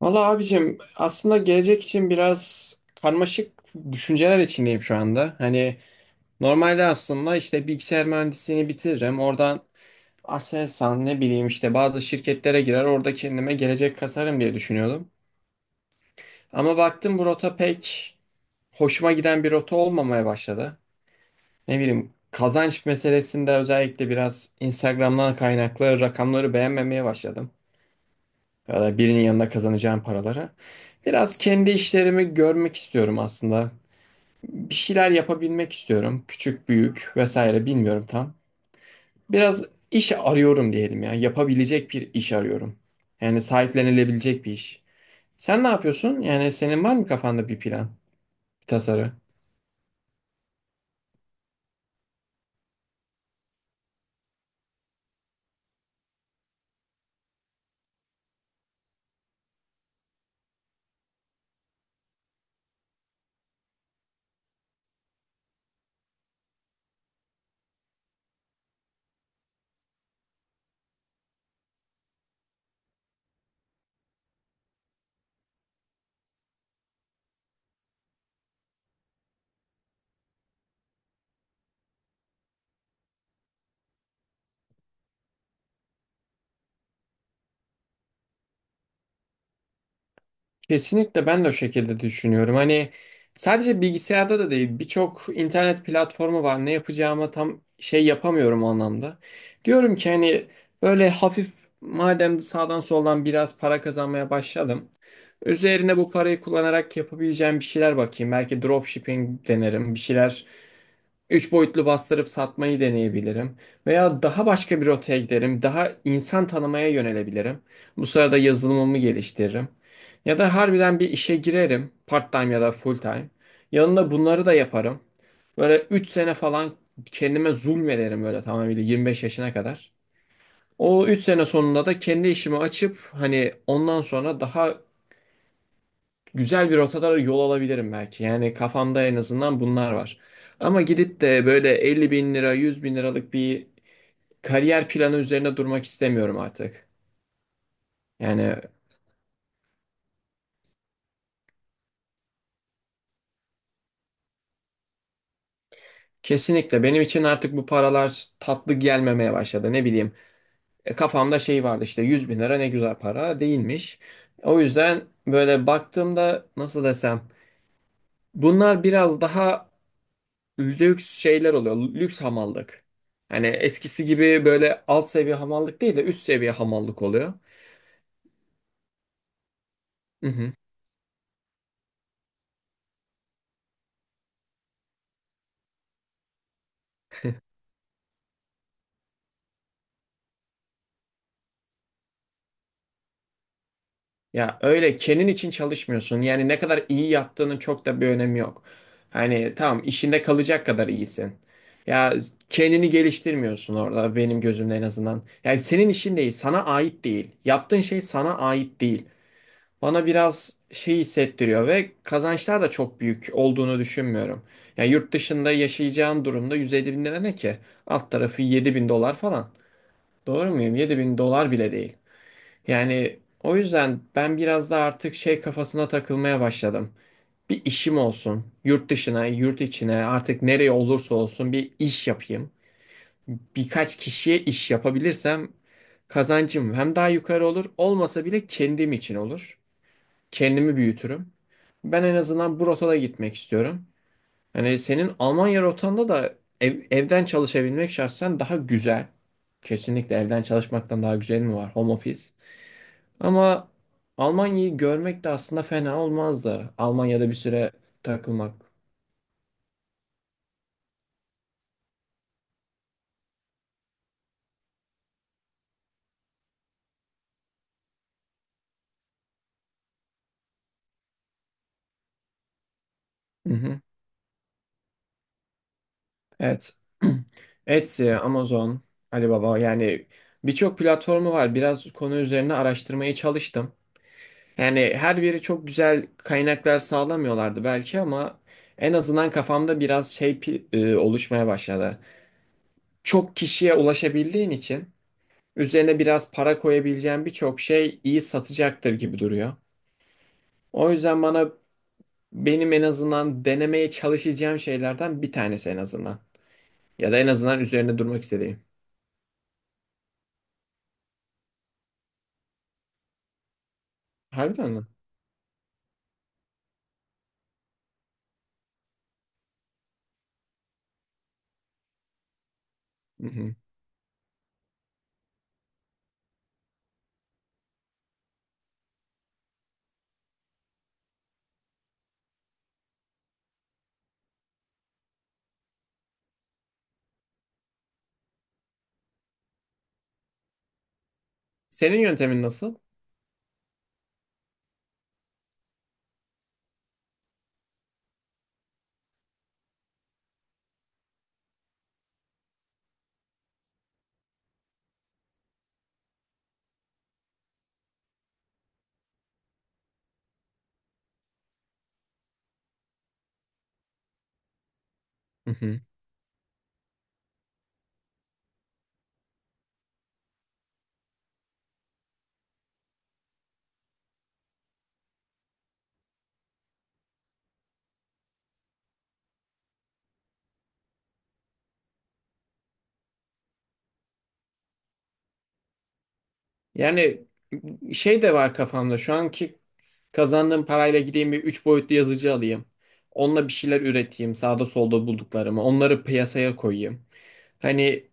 Valla abicim aslında gelecek için biraz karmaşık düşünceler içindeyim şu anda. Hani normalde aslında işte bilgisayar mühendisliğini bitiririm. Oradan Aselsan ne bileyim işte bazı şirketlere girer orada kendime gelecek kasarım diye düşünüyordum. Ama baktım bu rota pek hoşuma giden bir rota olmamaya başladı. Ne bileyim kazanç meselesinde özellikle biraz Instagram'dan kaynaklı rakamları beğenmemeye başladım, ya da birinin yanında kazanacağım paraları. Biraz kendi işlerimi görmek istiyorum aslında. Bir şeyler yapabilmek istiyorum. Küçük, büyük vesaire bilmiyorum tam. Biraz iş arıyorum diyelim ya. Yapabilecek bir iş arıyorum. Yani sahiplenilebilecek bir iş. Sen ne yapıyorsun? Yani senin var mı kafanda bir plan, bir tasarı? Kesinlikle ben de o şekilde düşünüyorum. Hani sadece bilgisayarda da değil birçok internet platformu var. Ne yapacağımı tam şey yapamıyorum o anlamda. Diyorum ki hani böyle hafif madem sağdan soldan biraz para kazanmaya başladım. Üzerine bu parayı kullanarak yapabileceğim bir şeyler bakayım. Belki dropshipping denerim. Bir şeyler. Üç boyutlu bastırıp satmayı deneyebilirim. Veya daha başka bir rotaya giderim. Daha insan tanımaya yönelebilirim. Bu sırada yazılımımı geliştiririm. Ya da harbiden bir işe girerim. Part time ya da full time. Yanında bunları da yaparım. Böyle 3 sene falan kendime zulmederim böyle tamamıyla 25 yaşına kadar. O 3 sene sonunda da kendi işimi açıp hani ondan sonra daha güzel bir rotalara yol alabilirim belki. Yani kafamda en azından bunlar var. Ama gidip de böyle 50 bin lira, 100 bin liralık bir kariyer planı üzerine durmak istemiyorum artık. Yani kesinlikle benim için artık bu paralar tatlı gelmemeye başladı. Ne bileyim kafamda şey vardı işte 100 bin lira ne güzel para değilmiş. O yüzden böyle baktığımda nasıl desem bunlar biraz daha lüks şeyler oluyor. Lüks hamallık. Hani eskisi gibi böyle alt seviye hamallık değil de üst seviye hamallık oluyor. Hı hı. Ya öyle kendin için çalışmıyorsun. Yani ne kadar iyi yaptığının çok da bir önemi yok. Hani tamam işinde kalacak kadar iyisin. Ya kendini geliştirmiyorsun orada benim gözümde en azından. Yani senin işin değil, sana ait değil. Yaptığın şey sana ait değil. Bana biraz şey hissettiriyor ve kazançlar da çok büyük olduğunu düşünmüyorum. Yani yurt dışında yaşayacağın durumda 150 bin lira ne ki? Alt tarafı 7 bin dolar falan. Doğru muyum? 7 bin dolar bile değil. Yani o yüzden ben biraz da artık şey kafasına takılmaya başladım. Bir işim olsun. Yurt dışına, yurt içine artık nereye olursa olsun bir iş yapayım. Birkaç kişiye iş yapabilirsem kazancım hem daha yukarı olur, olmasa bile kendim için olur. Kendimi büyütürüm. Ben en azından bu rotada gitmek istiyorum. Hani senin Almanya rotanda da evden çalışabilmek şahsen daha güzel. Kesinlikle evden çalışmaktan daha güzel mi var? Home office. Ama Almanya'yı görmek de aslında fena olmazdı. Almanya'da bir süre takılmak. Hı hı. Evet. Etsy, Amazon, Alibaba yani birçok platformu var. Biraz konu üzerine araştırmaya çalıştım. Yani her biri çok güzel kaynaklar sağlamıyorlardı belki ama en azından kafamda biraz şey oluşmaya başladı. Çok kişiye ulaşabildiğin için üzerine biraz para koyabileceğin birçok şey iyi satacaktır gibi duruyor. O yüzden bana benim en azından denemeye çalışacağım şeylerden bir tanesi en azından. Ya da en azından üzerine durmak istediğim. Harbiden mi? Hı hı. Senin yöntemin nasıl? Hı hı. Yani şey de var kafamda şu anki. Kazandığım parayla gideyim bir 3 boyutlu yazıcı alayım. Onunla bir şeyler üreteyim sağda solda bulduklarımı. Onları piyasaya koyayım. Hani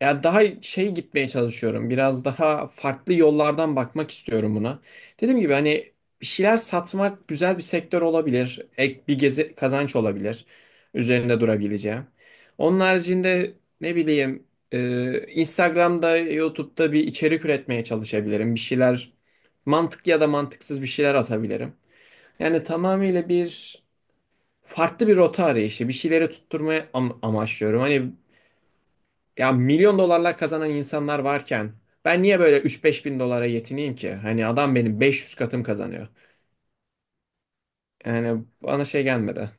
ya daha şey gitmeye çalışıyorum. Biraz daha farklı yollardan bakmak istiyorum buna. Dediğim gibi hani bir şeyler satmak güzel bir sektör olabilir. Ek bir gezi kazanç olabilir. Üzerinde durabileceğim. Onun haricinde ne bileyim Instagram'da, YouTube'da bir içerik üretmeye çalışabilirim. Bir şeyler mantıklı ya da mantıksız bir şeyler atabilirim. Yani tamamıyla bir farklı bir rota arayışı, bir şeyleri tutturmaya amaçlıyorum. Hani ya milyon dolarlar kazanan insanlar varken ben niye böyle üç beş bin dolara yetineyim ki? Hani adam benim 500 katım kazanıyor. Yani bana şey gelmedi.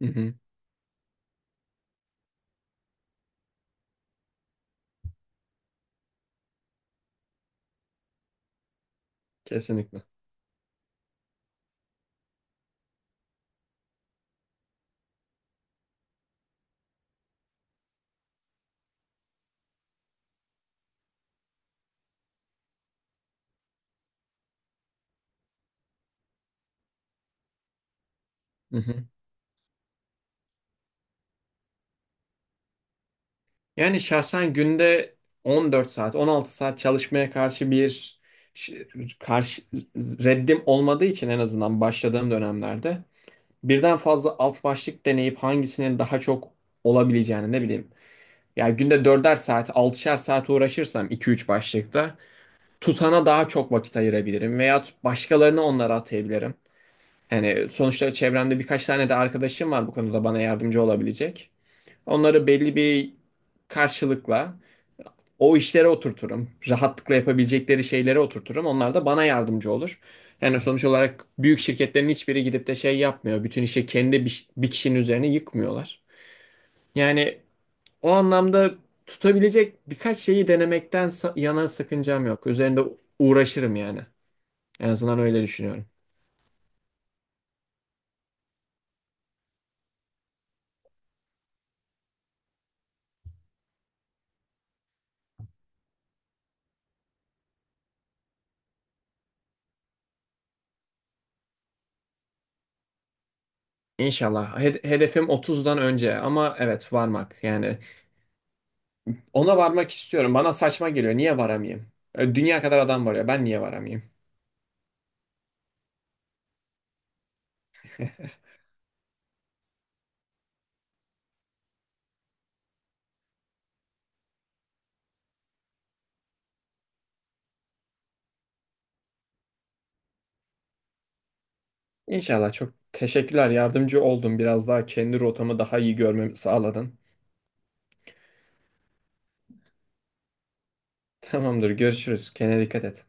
Hı hı, kesinlikle. Hı hı. Yani şahsen günde 14 saat, 16 saat çalışmaya karşı bir ş- karşı reddim olmadığı için en azından başladığım dönemlerde birden fazla alt başlık deneyip hangisinin daha çok olabileceğini ne bileyim. Ya günde 4'er saat, 6'şer saat uğraşırsam iki üç başlıkta tutana daha çok vakit ayırabilirim veya başkalarını onlara atayabilirim. Yani sonuçta çevremde birkaç tane de arkadaşım var bu konuda bana yardımcı olabilecek. Onları belli bir karşılıkla o işlere oturturum. Rahatlıkla yapabilecekleri şeylere oturturum. Onlar da bana yardımcı olur. Yani sonuç olarak büyük şirketlerin hiçbiri gidip de şey yapmıyor. Bütün işi kendi bir kişinin üzerine yıkmıyorlar. Yani o anlamda tutabilecek birkaç şeyi denemekten yana sakıncam yok. Üzerinde uğraşırım yani. En azından öyle düşünüyorum. İnşallah. Hedefim 30'dan önce ama evet varmak yani. Ona varmak istiyorum. Bana saçma geliyor. Niye varamayayım? Dünya kadar adam var ya. Ben niye varamayayım? İnşallah çok teşekkürler. Yardımcı oldun. Biraz daha kendi rotamı daha iyi görmemi sağladın. Tamamdır. Görüşürüz. Kendine dikkat et.